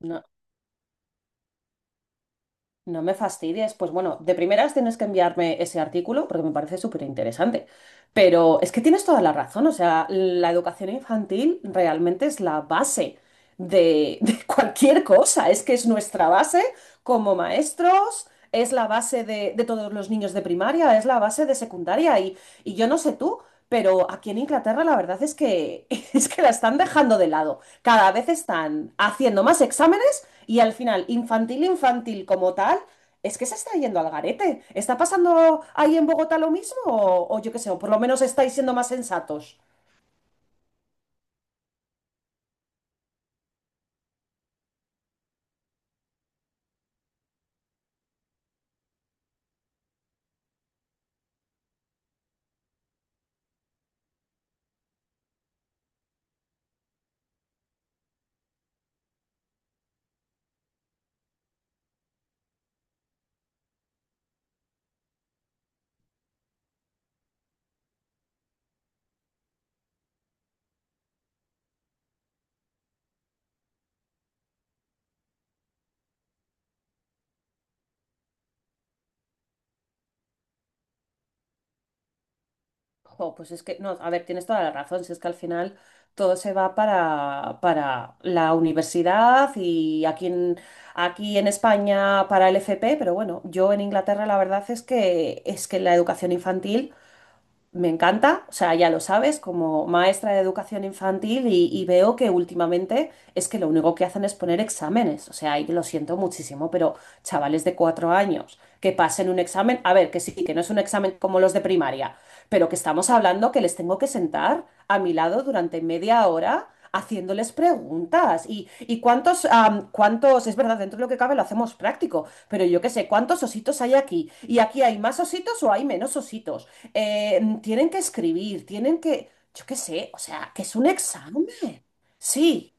No, no me fastidies. Pues bueno, de primeras tienes que enviarme ese artículo porque me parece súper interesante. Pero es que tienes toda la razón. O sea, la educación infantil realmente es la base de cualquier cosa. Es que es nuestra base como maestros, es la base de todos los niños de primaria, es la base de secundaria. Y yo no sé tú. Pero aquí en Inglaterra la verdad es que es que la están dejando de lado. Cada vez están haciendo más exámenes y al final, infantil como tal, es que se está yendo al garete. ¿Está pasando ahí en Bogotá lo mismo? O yo qué sé, o por lo menos estáis siendo más sensatos. Jo, pues es que, no, a ver, tienes toda la razón, si es que al final todo se va para la universidad y aquí en España para el FP, pero bueno, yo en Inglaterra la verdad es es que la educación infantil me encanta, o sea, ya lo sabes, como maestra de educación infantil y veo que últimamente es que lo único que hacen es poner exámenes, o sea, y lo siento muchísimo, pero chavales de cuatro años que pasen un examen, a ver, que sí, que no es un examen como los de primaria, pero que estamos hablando que les tengo que sentar a mi lado durante media hora haciéndoles preguntas. Y cuántos, es verdad, dentro de lo que cabe lo hacemos práctico, pero yo qué sé, ¿cuántos ositos hay aquí? ¿Y aquí hay más ositos o hay menos ositos? Tienen que escribir, yo qué sé, o sea, que es un examen. Sí.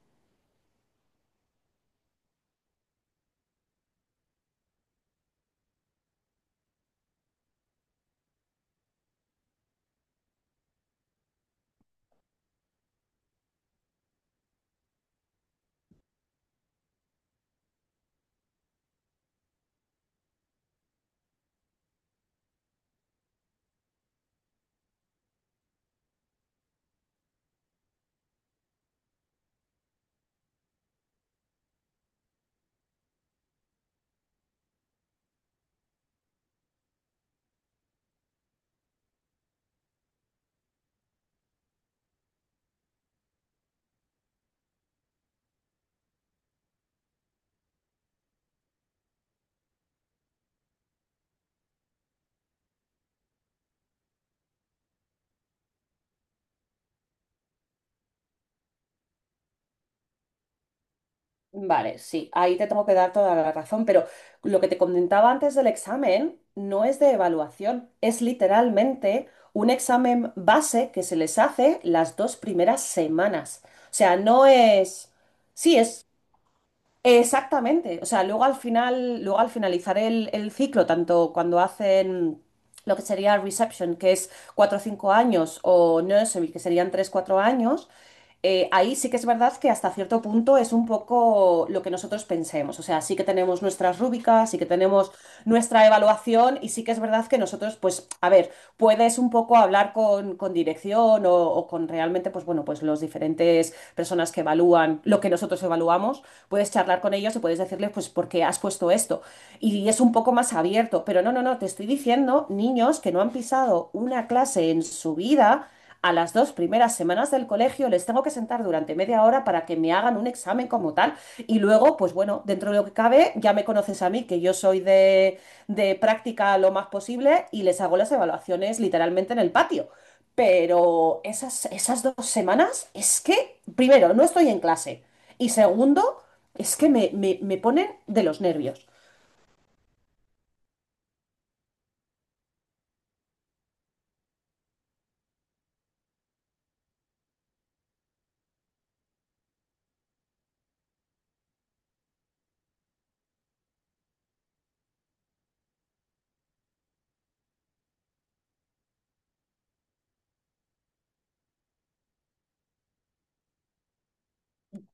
Vale, sí, ahí te tengo que dar toda la razón, pero lo que te comentaba antes del examen no es de evaluación, es literalmente un examen base que se les hace las dos primeras semanas. O sea, no es... Sí, es... Exactamente. O sea, luego al final, luego al finalizar el ciclo, tanto cuando hacen lo que sería reception, que es 4 o 5 años, o nursery, que serían 3 4 años, ahí sí que es verdad que hasta cierto punto es un poco lo que nosotros pensemos. O sea, sí que tenemos nuestras rúbricas, sí que tenemos nuestra evaluación y sí que es verdad que nosotros, pues, a ver, puedes un poco hablar con dirección o con realmente, pues bueno, pues los diferentes personas que evalúan lo que nosotros evaluamos puedes charlar con ellos y puedes decirles, pues, ¿por qué has puesto esto? Y es un poco más abierto, pero no, te estoy diciendo niños que no han pisado una clase en su vida. A las dos primeras semanas del colegio les tengo que sentar durante media hora para que me hagan un examen como tal. Y luego, pues bueno, dentro de lo que cabe, ya me conoces a mí, que yo soy de práctica lo más posible y les hago las evaluaciones literalmente en el patio. Pero esas dos semanas es que, primero, no estoy en clase. Y segundo, es que me ponen de los nervios.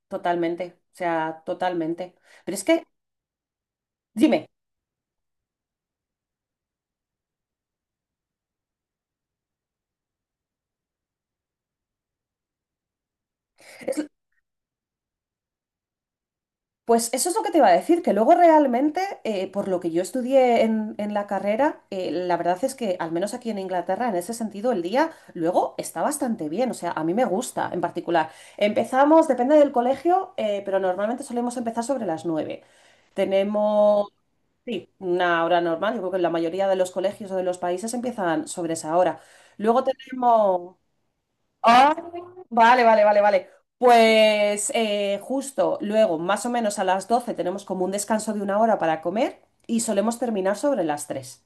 Totalmente, o sea, totalmente. Pero es que, dime, pues eso es lo que te iba a decir, que luego realmente, por lo que yo estudié en la carrera, la verdad es que, al menos aquí en Inglaterra, en ese sentido, el día luego está bastante bien. O sea, a mí me gusta en particular. Empezamos, depende del colegio, pero normalmente solemos empezar sobre las nueve. Tenemos... Sí, una hora normal. Yo creo que en la mayoría de los colegios o de los países empiezan sobre esa hora. Luego tenemos... Ah, vale, vale, vale, vale. Pues justo luego, más o menos a las 12 tenemos como un descanso de una hora para comer y solemos terminar sobre las 3.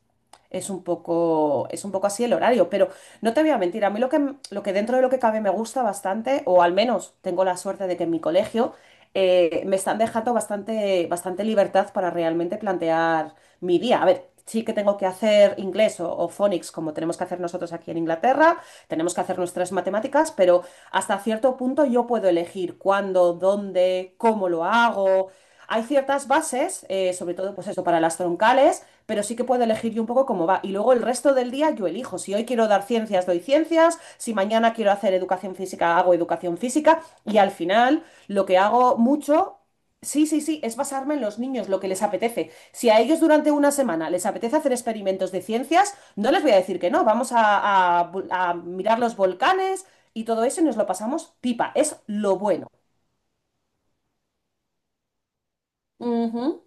Es un poco así el horario, pero no te voy a mentir, a mí lo lo que dentro de lo que cabe me gusta bastante, o al menos tengo la suerte de que en mi colegio me están dejando bastante libertad para realmente plantear mi día. A ver, sí que tengo que hacer inglés o phonics como tenemos que hacer nosotros aquí en Inglaterra tenemos que hacer nuestras matemáticas, pero hasta cierto punto yo puedo elegir cuándo, dónde, cómo lo hago. Hay ciertas bases, sobre todo pues eso para las troncales, pero sí que puedo elegir yo un poco cómo va. Y luego el resto del día yo elijo. Si hoy quiero dar ciencias, doy ciencias. Si mañana quiero hacer educación física, hago educación física. Y al final lo que hago mucho... Sí, sí, sí, es basarme en los niños, lo que les apetece. Si a ellos durante una semana les apetece hacer experimentos de ciencias, no les voy a decir que no, vamos a mirar los volcanes y todo eso y nos lo pasamos pipa, es lo bueno. Ujú.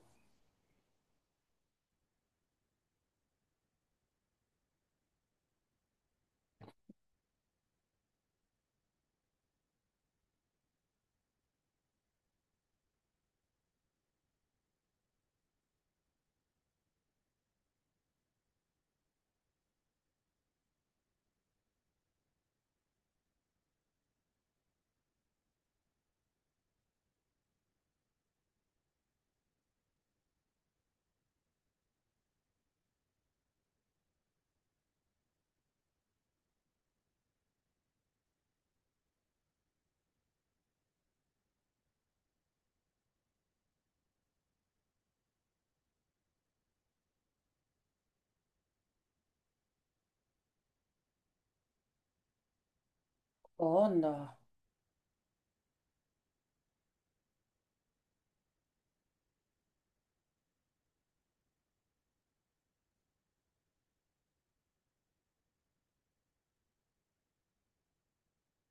Onda.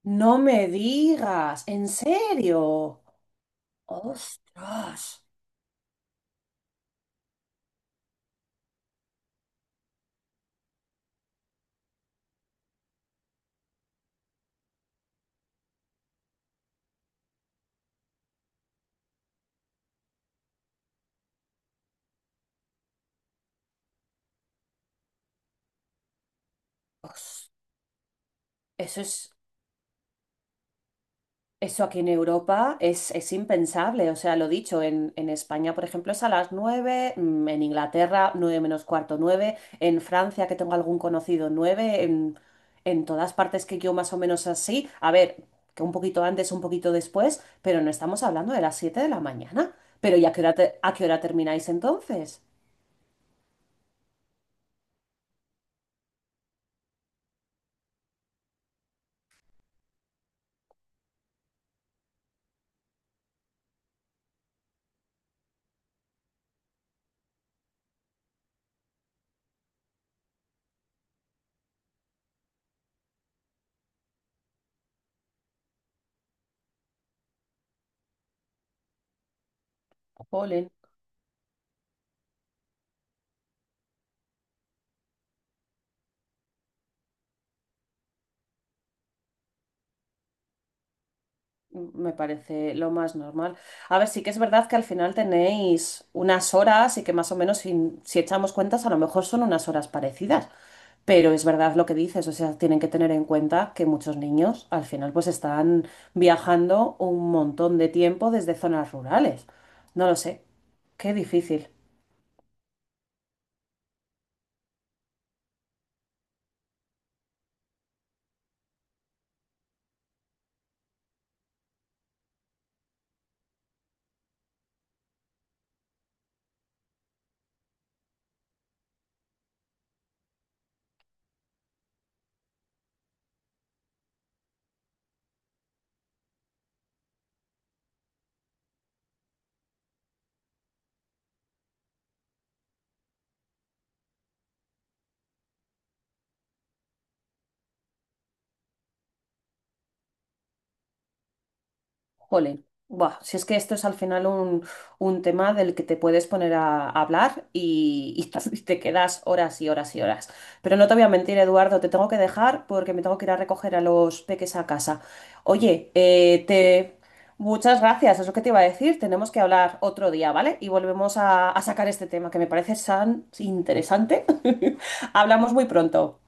No me digas, ¿en serio? Ostras. Os-. Eso es... Eso aquí en Europa es impensable. O sea, lo dicho, en España, por ejemplo, es a las nueve, mm, en Inglaterra, 9 menos cuarto, 9 en Francia, que tengo algún conocido, en todas partes que yo más o menos así. A ver, que un poquito antes, un poquito después, pero no estamos hablando de las 7 de la mañana. Pero ¿y a qué a qué hora termináis entonces? Jolín. Me parece lo más normal. A ver, sí que es verdad que al final tenéis unas horas y que más o menos si echamos cuentas a lo mejor son unas horas parecidas, pero es verdad lo que dices, o sea, tienen que tener en cuenta que muchos niños al final pues están viajando un montón de tiempo desde zonas rurales. No lo sé, qué difícil. Jolín, buah, si es que esto es al final un tema del que te puedes poner a hablar y y te quedas horas y horas y horas. Pero no te voy a mentir, Eduardo, te tengo que dejar porque me tengo que ir a recoger a los peques a casa. Oye, te... muchas gracias, es lo que te iba a decir. Tenemos que hablar otro día, ¿vale? Y volvemos a sacar este tema que me parece tan interesante. Hablamos muy pronto.